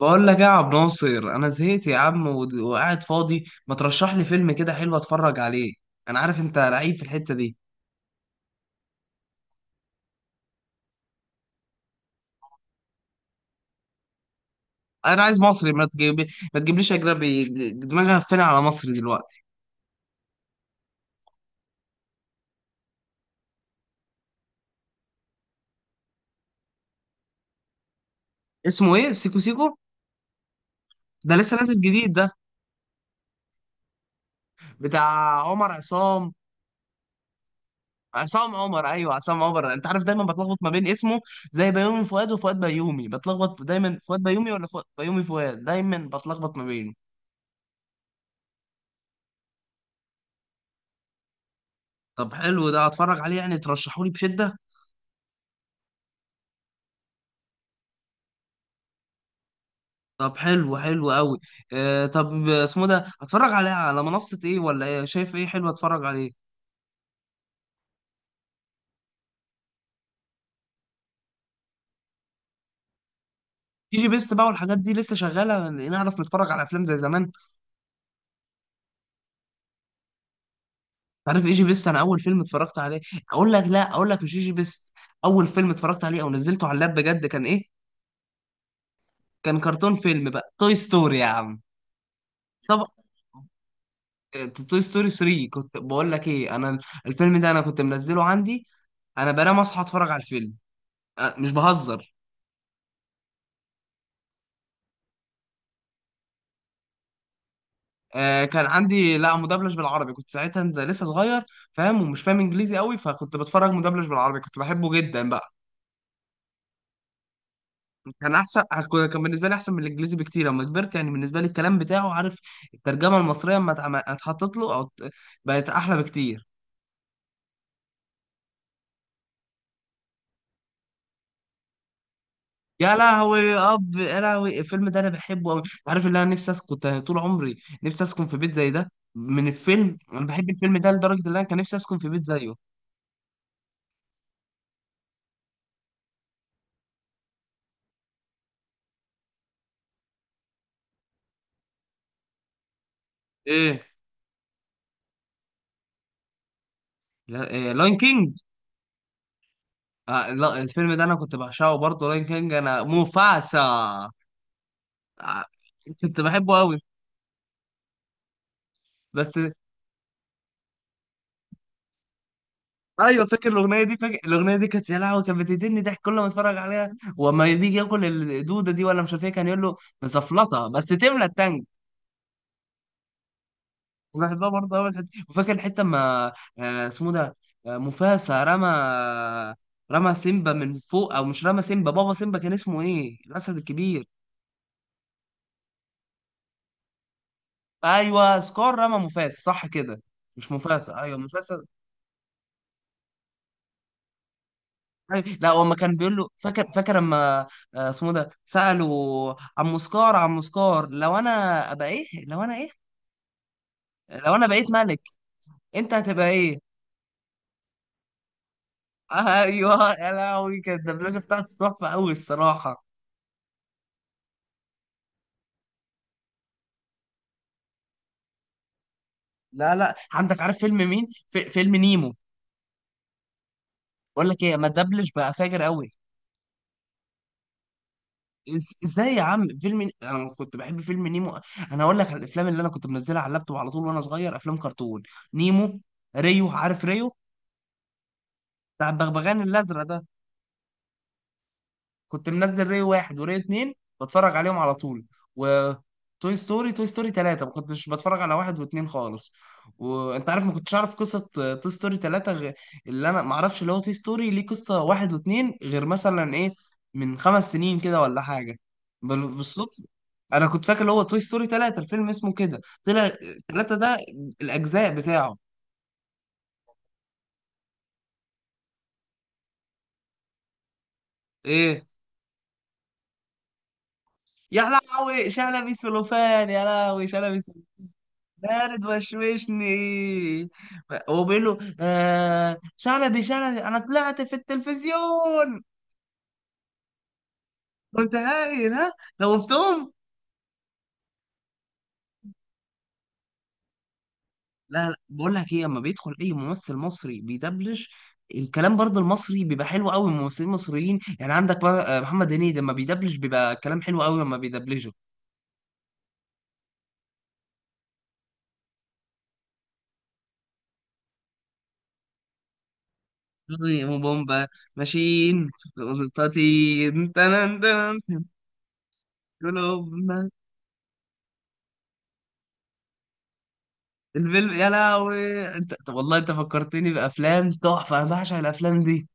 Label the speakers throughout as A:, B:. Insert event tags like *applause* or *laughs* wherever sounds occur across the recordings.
A: بقول لك ايه يا عبد ناصر. انا زهقت يا عم، وقاعد فاضي، ما ترشح لي فيلم كده حلو اتفرج عليه؟ انا عارف انت لعيب في الحتة دي. انا عايز مصري، ما تجيب ما تجيبليش اجنبي. دماغي هفاني على مصري دلوقتي. اسمه ايه؟ سيكو سيكو؟ ده لسه نازل جديد ده؟ بتاع عمر عصام، عصام عمر. ايوه عصام عمر، انت عارف دايما بتلخبط ما بين اسمه، زي بيومي فؤاد وفؤاد بيومي، بتلخبط دايما فؤاد بيومي ولا فؤاد بيومي فؤاد، دايما بتلخبط ما بينه. طب حلو، ده اتفرج عليه يعني؟ ترشحولي بشدة. طب حلو، حلو قوي. آه طب اسمه ده، هتفرج عليها على منصة ايه ولا ايه؟ شايف ايه حلو اتفرج عليه؟ ايجي بيست بقى والحاجات دي لسه شغالة؟ نعرف نتفرج على افلام زي زمان؟ عارف ايجي بيست، انا اول فيلم اتفرجت عليه، اقول لك لا اقول لك مش ايجي بيست. اول فيلم اتفرجت عليه او نزلته على اللاب بجد كان ايه؟ كان كرتون، فيلم بقى توي ستوري يا عم. طب توي ستوري 3، كنت بقول لك ايه انا. الفيلم ده انا كنت منزله عندي، انا بنام اصحى اتفرج على الفيلم. مش بهزر. كان عندي، لا مدبلج بالعربي، كنت ساعتها لسه صغير فاهم ومش فاهم انجليزي قوي، فكنت بتفرج مدبلج بالعربي، كنت بحبه جدا بقى. كان احسن، كان بالنسبه لي احسن من الانجليزي بكتير لما كبرت، يعني بالنسبه لي الكلام بتاعه، عارف، الترجمه المصريه اما اتحطت له، بقت احلى بكتير. يا لهوي اب، يا لهوي الفيلم ده انا بحبه قوي. عارف اللي انا نفسي اسكن، كنت طول عمري نفسي اسكن في بيت زي ده من الفيلم، انا بحب الفيلم ده لدرجه ان انا كان نفسي اسكن في بيت زيه. ايه؟ إيه لاين كينج. آه لا، الفيلم ده انا كنت بعشقه برضه، راين كينج، انا موفاسا. كنت بحبه قوي. بس ايوه، فاكر الاغنيه دي، فاكر الاغنيه دي كانت، يا لهوي كانت بتقتلني ضحك كل ما اتفرج عليها. وما بيجي ياكل الدوده دي، ولا مش عارف ايه كان يقول له زفلطه بس تملى التانك. كنت بحبها برضه قوي الحتة دي. وفاكر الحته اما آه، اسمه ده آه، موفاسا رمى، رمى سيمبا من فوق، او مش رمى سيمبا، بابا سيمبا كان اسمه ايه؟ الاسد الكبير. ايوه سكار رمى موفاسا، صح كده. مش موفاسا، ايوه موفاسا. أيوة، لا هو ما كان بيقول له، فاكر فاكر لما آه، اسمه ده سألوا عم سكار، عم سكار لو انا ابقى ايه، لو انا ايه، لو انا بقيت ملك انت هتبقى ايه؟ *laughs* ايوه، يا لهوي كانت الدبلجه بتاعته تحفه قوي الصراحه. لا لا عندك، عارف فيلم مين؟ في فيلم نيمو، بقول لك ايه، ما الدبلج بقى فاجر قوي. ازاي يا عم، فيلم انا كنت بحب فيلم نيمو. انا اقول لك على الافلام اللي انا كنت منزلها على اللابتوب على طول وانا صغير، افلام كرتون، نيمو، ريو، عارف ريو بتاع البغبغان الازرق ده؟ كنت منزل ري واحد وري اتنين، بتفرج عليهم على طول. و توي ستوري، توي ستوري تلاتة ما كنتش بتفرج على واحد واتنين خالص. وانت عارف، ما كنتش اعرف قصة توي ستوري تلاتة غ... اللي انا ما اعرفش اللي هو توي ستوري ليه قصة واحد واتنين غير، مثلا ايه، من خمس سنين كده ولا حاجة، بالصدفة. انا كنت فاكر اللي هو توي ستوري تلاتة الفيلم اسمه كده، طلع تلاتة ده الاجزاء بتاعه. ايه؟ يا لهوي شلبي سلوفان، يا لهوي شلبي. بارد وشوشني. وبيقول له آه شلبي شلبي انا طلعت في التلفزيون. كنت هايل، ها؟ خوفتهم. لا لا بقول لك ايه، اما بيدخل اي ممثل مصري بيدبلج الكلام، برضه المصري بيبقى حلو قوي، ممثلين مصريين. يعني عندك بقى، محمد هنيدي لما بيدبلج بيبقى كلام حلو قوي لما بيدبلجه. أيوة، بومبا ماشيين قطاطين تنن تنن، قلوبنا. الفيلم يا لهوي، انت طب والله انت فكرتني بافلام تحفه، انا بعشق الافلام دي.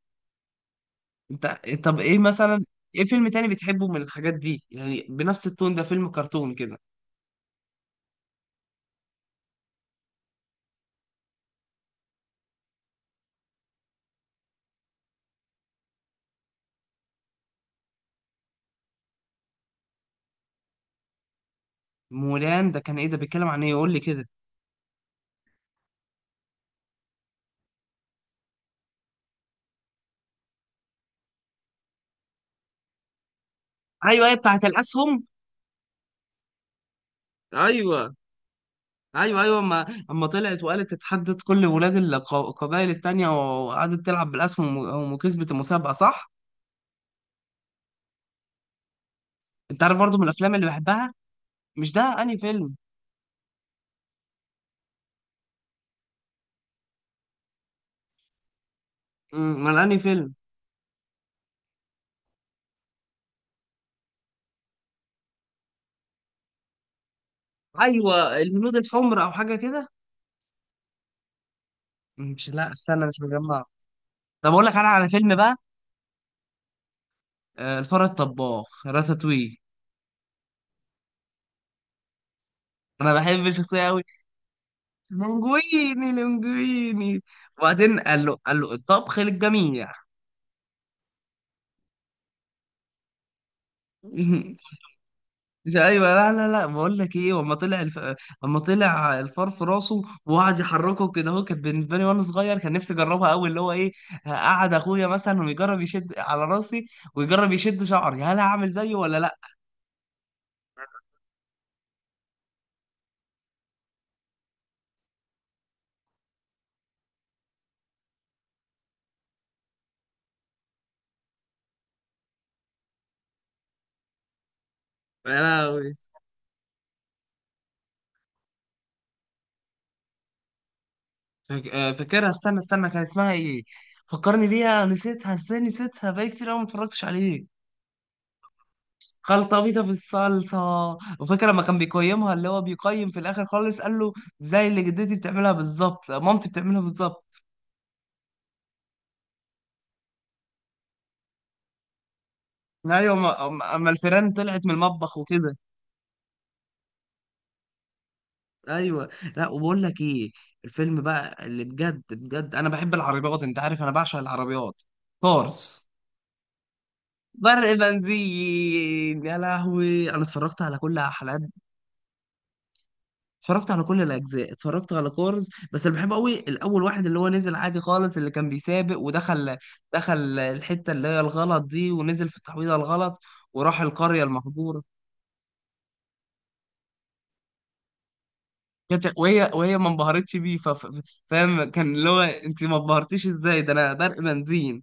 A: انت طب ايه مثلا؟ ايه فيلم تاني بتحبه من الحاجات دي، يعني بنفس التون ده، فيلم كرتون كده؟ مولان ده كان ايه؟ ده بيتكلم عن ايه يقول لي كده. ايوه ايوه بتاعت الاسهم. ايوه، ايوه ايوه اما، اما طلعت وقالت، اتحدت كل ولاد القبائل التانية، وقعدت تلعب بالاسهم وكسبت المسابقه، صح. انت عارف برضو من الافلام اللي بحبها. مش ده، انهي فيلم؟ امال انهي فيلم؟ ايوه الهنود الحمر او حاجه كده. مش، لا استنى، مش مجمع. طب اقول لك انا على فيلم بقى، الفار الطباخ راتاتوي. انا بحب الشخصيه قوي. لونجويني، لونجويني. وبعدين قال له، قال له الطبخ للجميع. *laughs* مش ايوه لا لا لا، بقول لك ايه، وأما طلع الف... اما طلع الفار في راسه وقعد يحركه كده، هو كان بالنسبه لي وانا صغير كان نفسي اجربها قوي، اللي هو ايه، قعد اخويا مثلا ويجرب يشد على راسي ويجرب يشد شعري، هل هعمل زيه ولا لا. لا فاكرها، استنى استنى، كان اسمها ايه؟ فكرني بيها، نسيتها ازاي؟ نسيتها بقالي كتير قوي ما اتفرجتش عليه. خلطة بيضة في الصلصة. وفاكر لما كان بيقيمها، اللي هو بيقيم في الآخر خالص قال له زي اللي جدتي بتعملها بالظبط، مامتي بتعملها بالظبط. أيوة أما، أما الفيران طلعت من المطبخ وكده. أيوة. لا وبقول لك إيه، الفيلم بقى اللي بجد بجد أنا بحب العربيات، أنت عارف أنا بعشق العربيات، كورس. برق بنزين، يا لهوي أنا اتفرجت على كل حلقات، اتفرجت على كل الاجزاء، اتفرجت على كورز، بس اللي بحبه قوي الاول، واحد، اللي هو نزل عادي خالص، اللي كان بيسابق ودخل، دخل الحته اللي هي الغلط دي، ونزل في التحويضه الغلط، وراح القريه المهجوره. كانت، وهي وهي ما انبهرتش بيه، فاهم، كان اللي هو انت ما انبهرتيش ازاي، ده انا برق بنزين.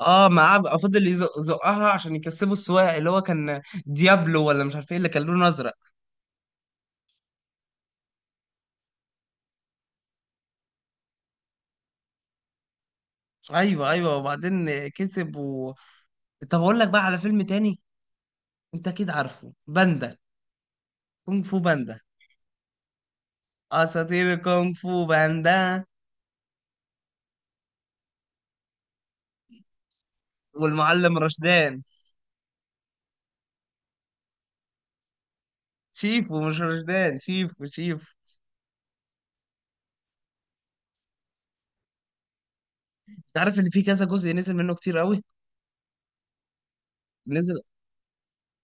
A: اه، معاه بقى فضل يزقها عشان يكسبوا السواق اللي هو كان ديابلو، ولا مش عارف ايه اللي كان لونه ازرق. ايوه ايوه وبعدين كسب و... طب اقول لك بقى على فيلم تاني، انت اكيد عارفه باندا، كونغ فو باندا، اساطير كونغ فو باندا. والمعلم رشدان، شيفو، مش رشدان شيفو شيفو. انت عارف ان في كذا جزء نزل منه كتير قوي. نزل.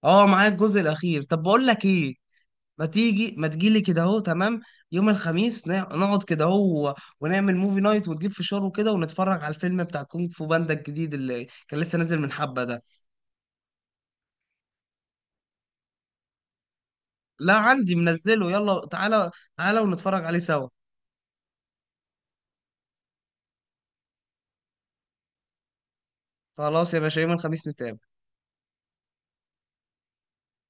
A: اه معايا الجزء الاخير. طب بقول لك ايه، ما تيجي ما تجيلي كده اهو، تمام. يوم الخميس نقعد كده اهو ونعمل موفي نايت ونجيب فشار وكده ونتفرج على الفيلم بتاع كونغ فو باندا الجديد اللي كان لسه نازل من حبة ده. لا عندي منزله، يلا تعالى، تعالى ونتفرج عليه سوا. خلاص يا باشا، يوم الخميس نتقابل.